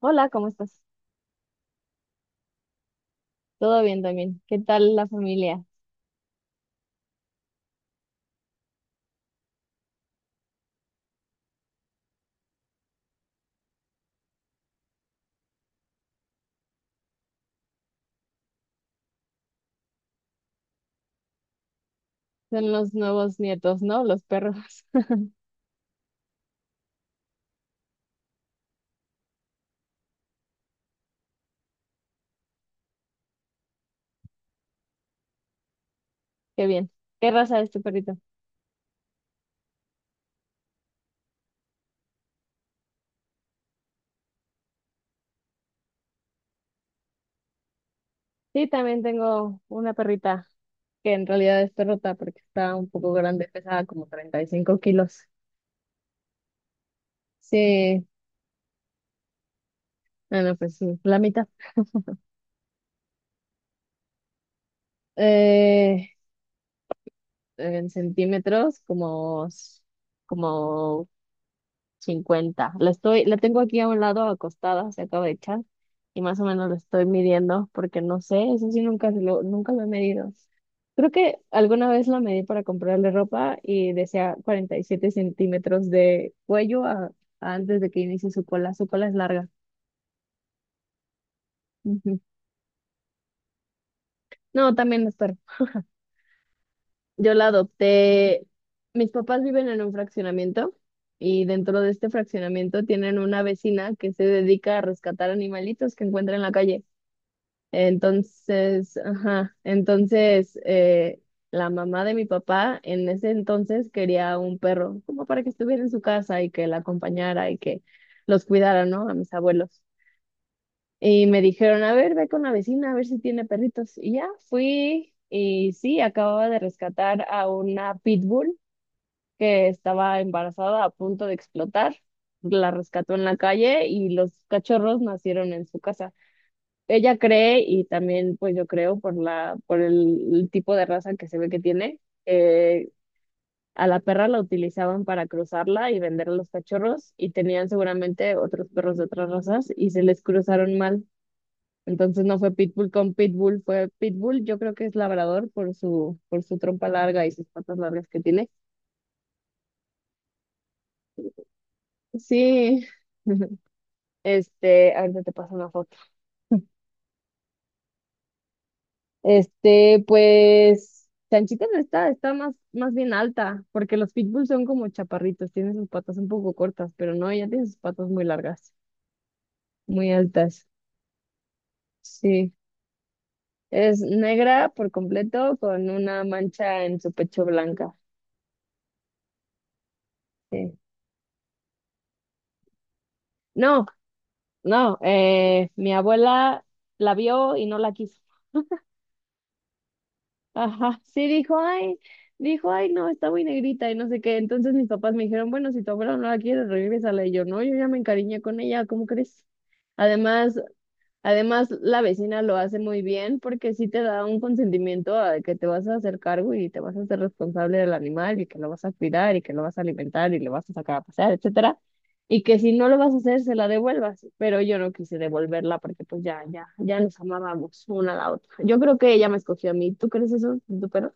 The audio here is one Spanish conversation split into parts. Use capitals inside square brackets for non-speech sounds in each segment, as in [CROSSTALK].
Hola, ¿cómo estás? Todo bien también. ¿Qué tal la familia? Son los nuevos nietos, ¿no? Los perros. [LAUGHS] Qué bien. ¿Qué raza es tu perrito? Sí, también tengo una perrita que en realidad es perrota porque está un poco grande, pesaba como 35 kilos. Sí, bueno, pues sí, la mitad. Eh, en centímetros, como, como 50. La estoy, la tengo aquí a un lado acostada, se acaba de echar, y más o menos la estoy midiendo porque no sé, eso sí nunca lo he medido. Creo que alguna vez la medí para comprarle ropa y decía 47 centímetros de cuello a antes de que inicie su cola. Su cola es larga. Ujú. No, también es perro. Yo la adopté. Mis papás viven en un fraccionamiento y dentro de este fraccionamiento tienen una vecina que se dedica a rescatar animalitos que encuentra en la calle. Entonces, ajá, entonces la mamá de mi papá en ese entonces quería un perro, como para que estuviera en su casa y que la acompañara y que los cuidara, ¿no? A mis abuelos. Y me dijeron, a ver, ve con la vecina, a ver si tiene perritos. Y ya fui y sí, acababa de rescatar a una pitbull que estaba embarazada a punto de explotar. La rescató en la calle y los cachorros nacieron en su casa, ella cree, y también pues yo creo por el tipo de raza que se ve que tiene, eh, a la perra la utilizaban para cruzarla y vender a los cachorros y tenían seguramente otros perros de otras razas y se les cruzaron mal. Entonces no fue Pitbull con Pitbull, fue Pitbull, yo creo que es labrador por su trompa larga y sus patas largas que tiene. Sí. [LAUGHS] Este, ahorita te paso una foto. Este, pues, Chanchita no está, está más bien alta, porque los pitbulls son como chaparritos, tienen sus patas un poco cortas, pero no, ella tiene sus patas muy largas, muy altas. Sí, es negra por completo con una mancha en su pecho blanca. Sí. No, no, mi abuela la vio y no la quiso. Ajá, sí, dijo, ay, no, está muy negrita y no sé qué. Entonces mis papás me dijeron, bueno, si tu abuela no la quiere, regrésala. Y yo, no, yo ya me encariñé con ella, ¿cómo crees? Además, Además, la vecina lo hace muy bien porque sí te da un consentimiento a que te vas a hacer cargo y te vas a hacer responsable del animal y que lo vas a cuidar y que lo vas a alimentar y le vas a sacar a pasear, etcétera. Y que si no lo vas a hacer, se la devuelvas. Pero yo no quise devolverla porque pues ya nos amábamos una a la otra. Yo creo que ella me escogió a mí. ¿Tú crees eso de tu perro?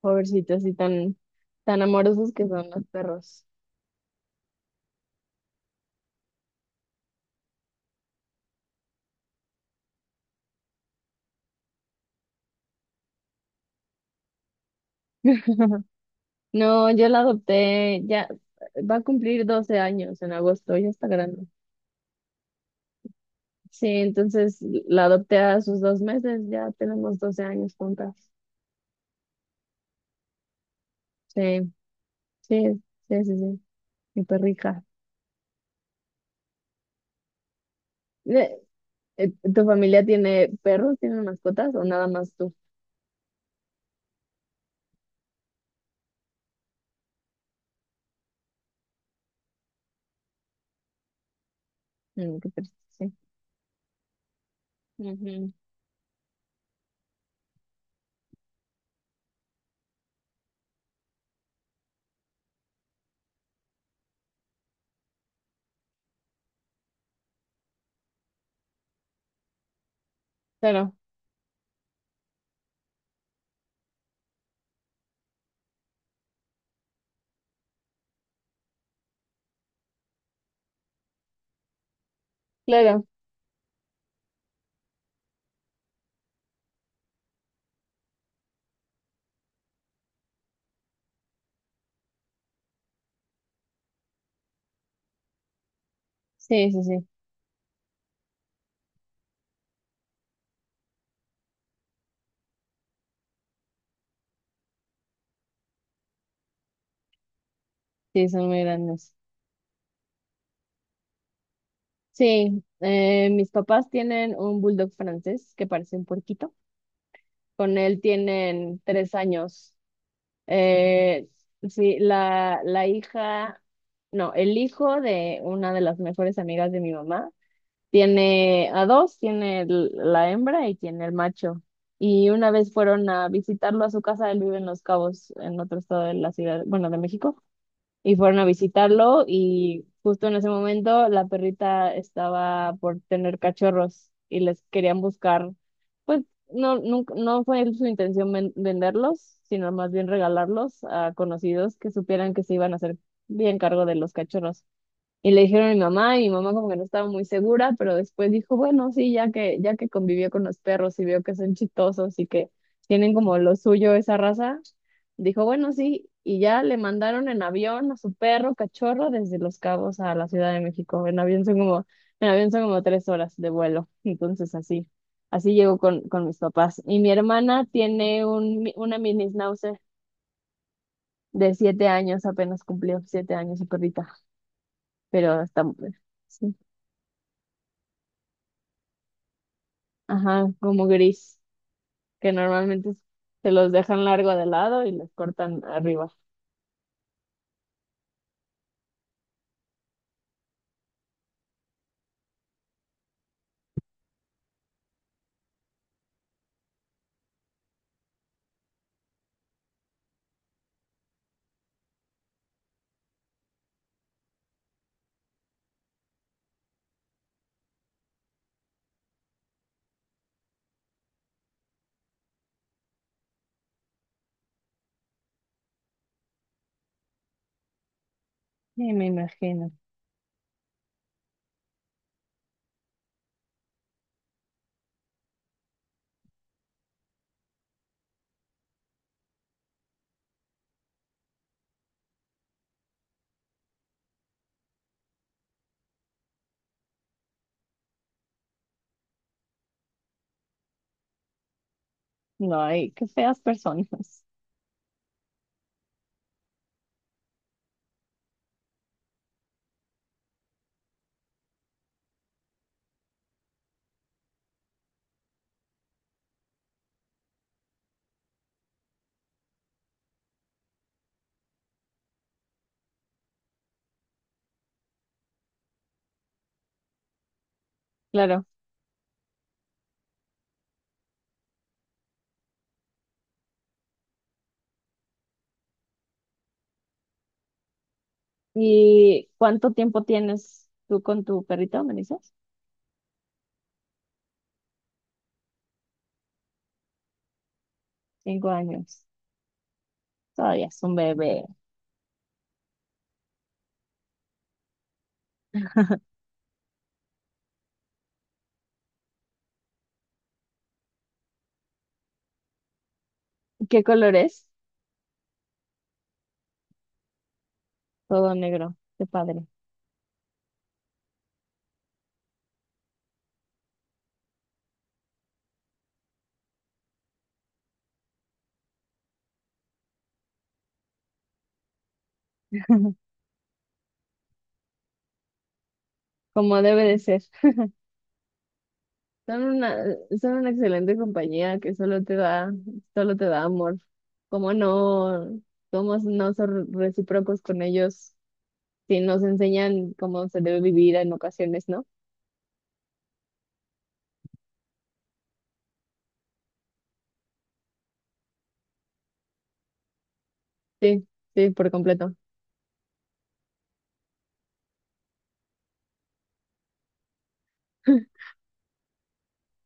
Pobrecitos así tan amorosos que son los perros. [LAUGHS] No, yo la adopté, ya va a cumplir 12 años en agosto, ya está grande. Sí, entonces la adopté a sus dos meses, ya tenemos 12 años juntas. Sí, sí, sí, sí, sí, mi perrija. Eh, ¿Tu familia tiene perros, tiene mascotas o nada más tú? Mm, qué triste, sí. Ujú. Claro, claro, sí, sí, sí, sí, son muy grandes. Sí, mis papás tienen un bulldog francés que parece un puerquito. Con él tienen 3 años. Eh, la hija, no, el hijo de una de las mejores amigas de mi mamá tiene a dos, tiene la hembra y tiene el macho. Y una vez fueron a visitarlo a su casa, él vive en Los Cabos, en otro estado de la ciudad, bueno, de México, y fueron a visitarlo y justo en ese momento la perrita estaba por tener cachorros y les querían buscar, pues no, nunca, no fue su intención venderlos, sino más bien regalarlos a conocidos que supieran que se iban a hacer bien cargo de los cachorros. Y le dijeron a mi mamá, y mi mamá como que no estaba muy segura, pero después dijo, bueno, sí, ya que convivió con los perros y vio que son chistosos y que tienen como lo suyo esa raza, dijo, bueno, sí, y ya le mandaron en avión a su perro cachorro desde Los Cabos a la Ciudad de México. En avión son como 3 horas de vuelo. Entonces así llegó con mis papás. Y mi hermana tiene una mini schnauzer de 7 años, apenas cumplió 7 años su perrita, pero está... Sí. Ajá, como gris, que normalmente se los dejan largo de lado y les cortan arriba. Sí, me imagino. No, ay, qué feas personas. [LAUGHS] Claro. ¿Y cuánto tiempo tienes tú con tu perrito, me dices? 5 años. Todavía es un bebé. ¿Qué color es? Todo negro. Qué padre. Como debe de ser. Son una, son una excelente compañía que solo solo te da amor. ¿Cómo no? Somos no son recíprocos con ellos. Sí, nos enseñan cómo se debe vivir en ocasiones, ¿no? Sí, sí, por completo. [LAUGHS]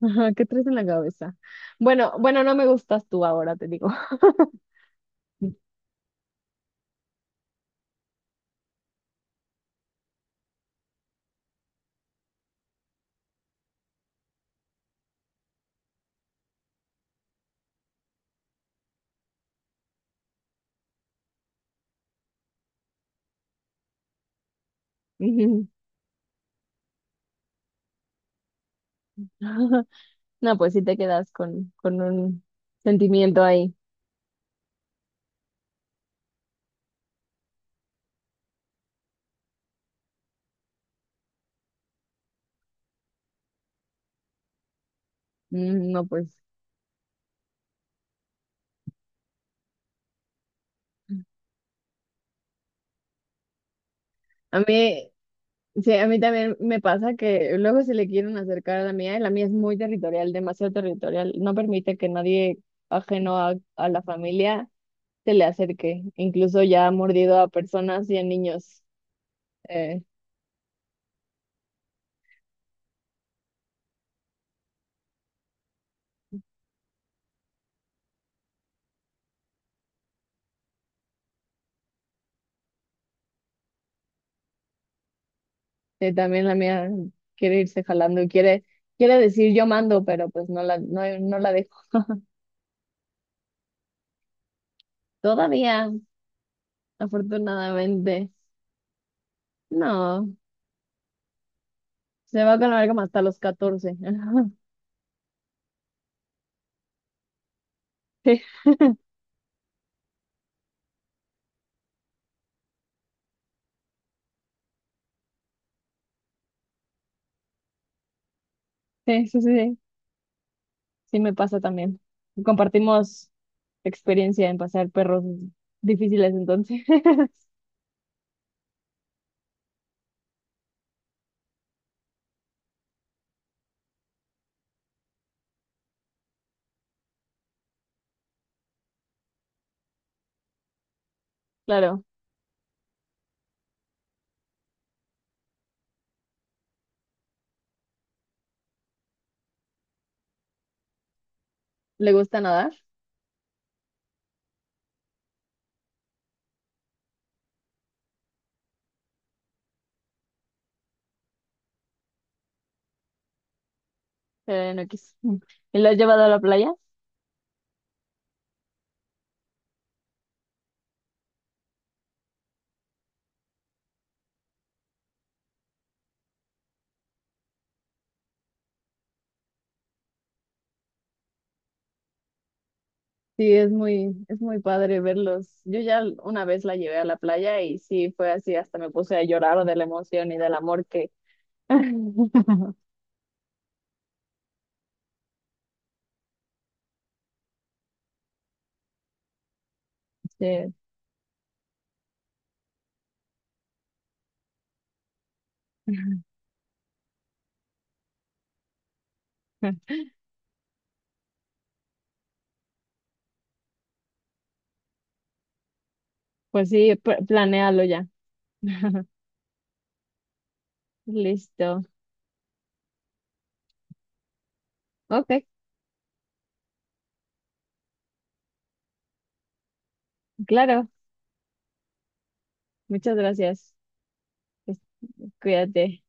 Ajá, ¿qué traes en la cabeza? Bueno, bueno, no me gustas tú ahora, te digo. [LAUGHS] Ujú. [LAUGHS] No, pues sí te quedas con un sentimiento ahí. Mm, no, pues. A mí, Sí, a mí también me pasa que luego se le quieren acercar a la mía y la mía es muy territorial, demasiado territorial. No permite que nadie ajeno a la familia se le acerque. Incluso ya ha mordido a personas y a niños. Eh, también la mía quiere irse jalando y quiere decir yo mando, pero pues no la dejo. Todavía, afortunadamente. No, se va con algo hasta los 14. [LAUGHS] Sí, sí, sí. Sí. Sí, me pasa también. Compartimos experiencia en pasar perros difíciles entonces. [LAUGHS] Claro, le gusta nadar, pero no quiso. ¿Y lo has llevado a la playa? Sí, es muy padre verlos. Yo ya una vez la llevé a la playa y sí, fue así, hasta me puse a llorar de la emoción y del amor que... [LAUGHS] Sí. Pues sí, planéalo ya. [LAUGHS] Listo. Ok, claro. Muchas gracias. Este, cuídate.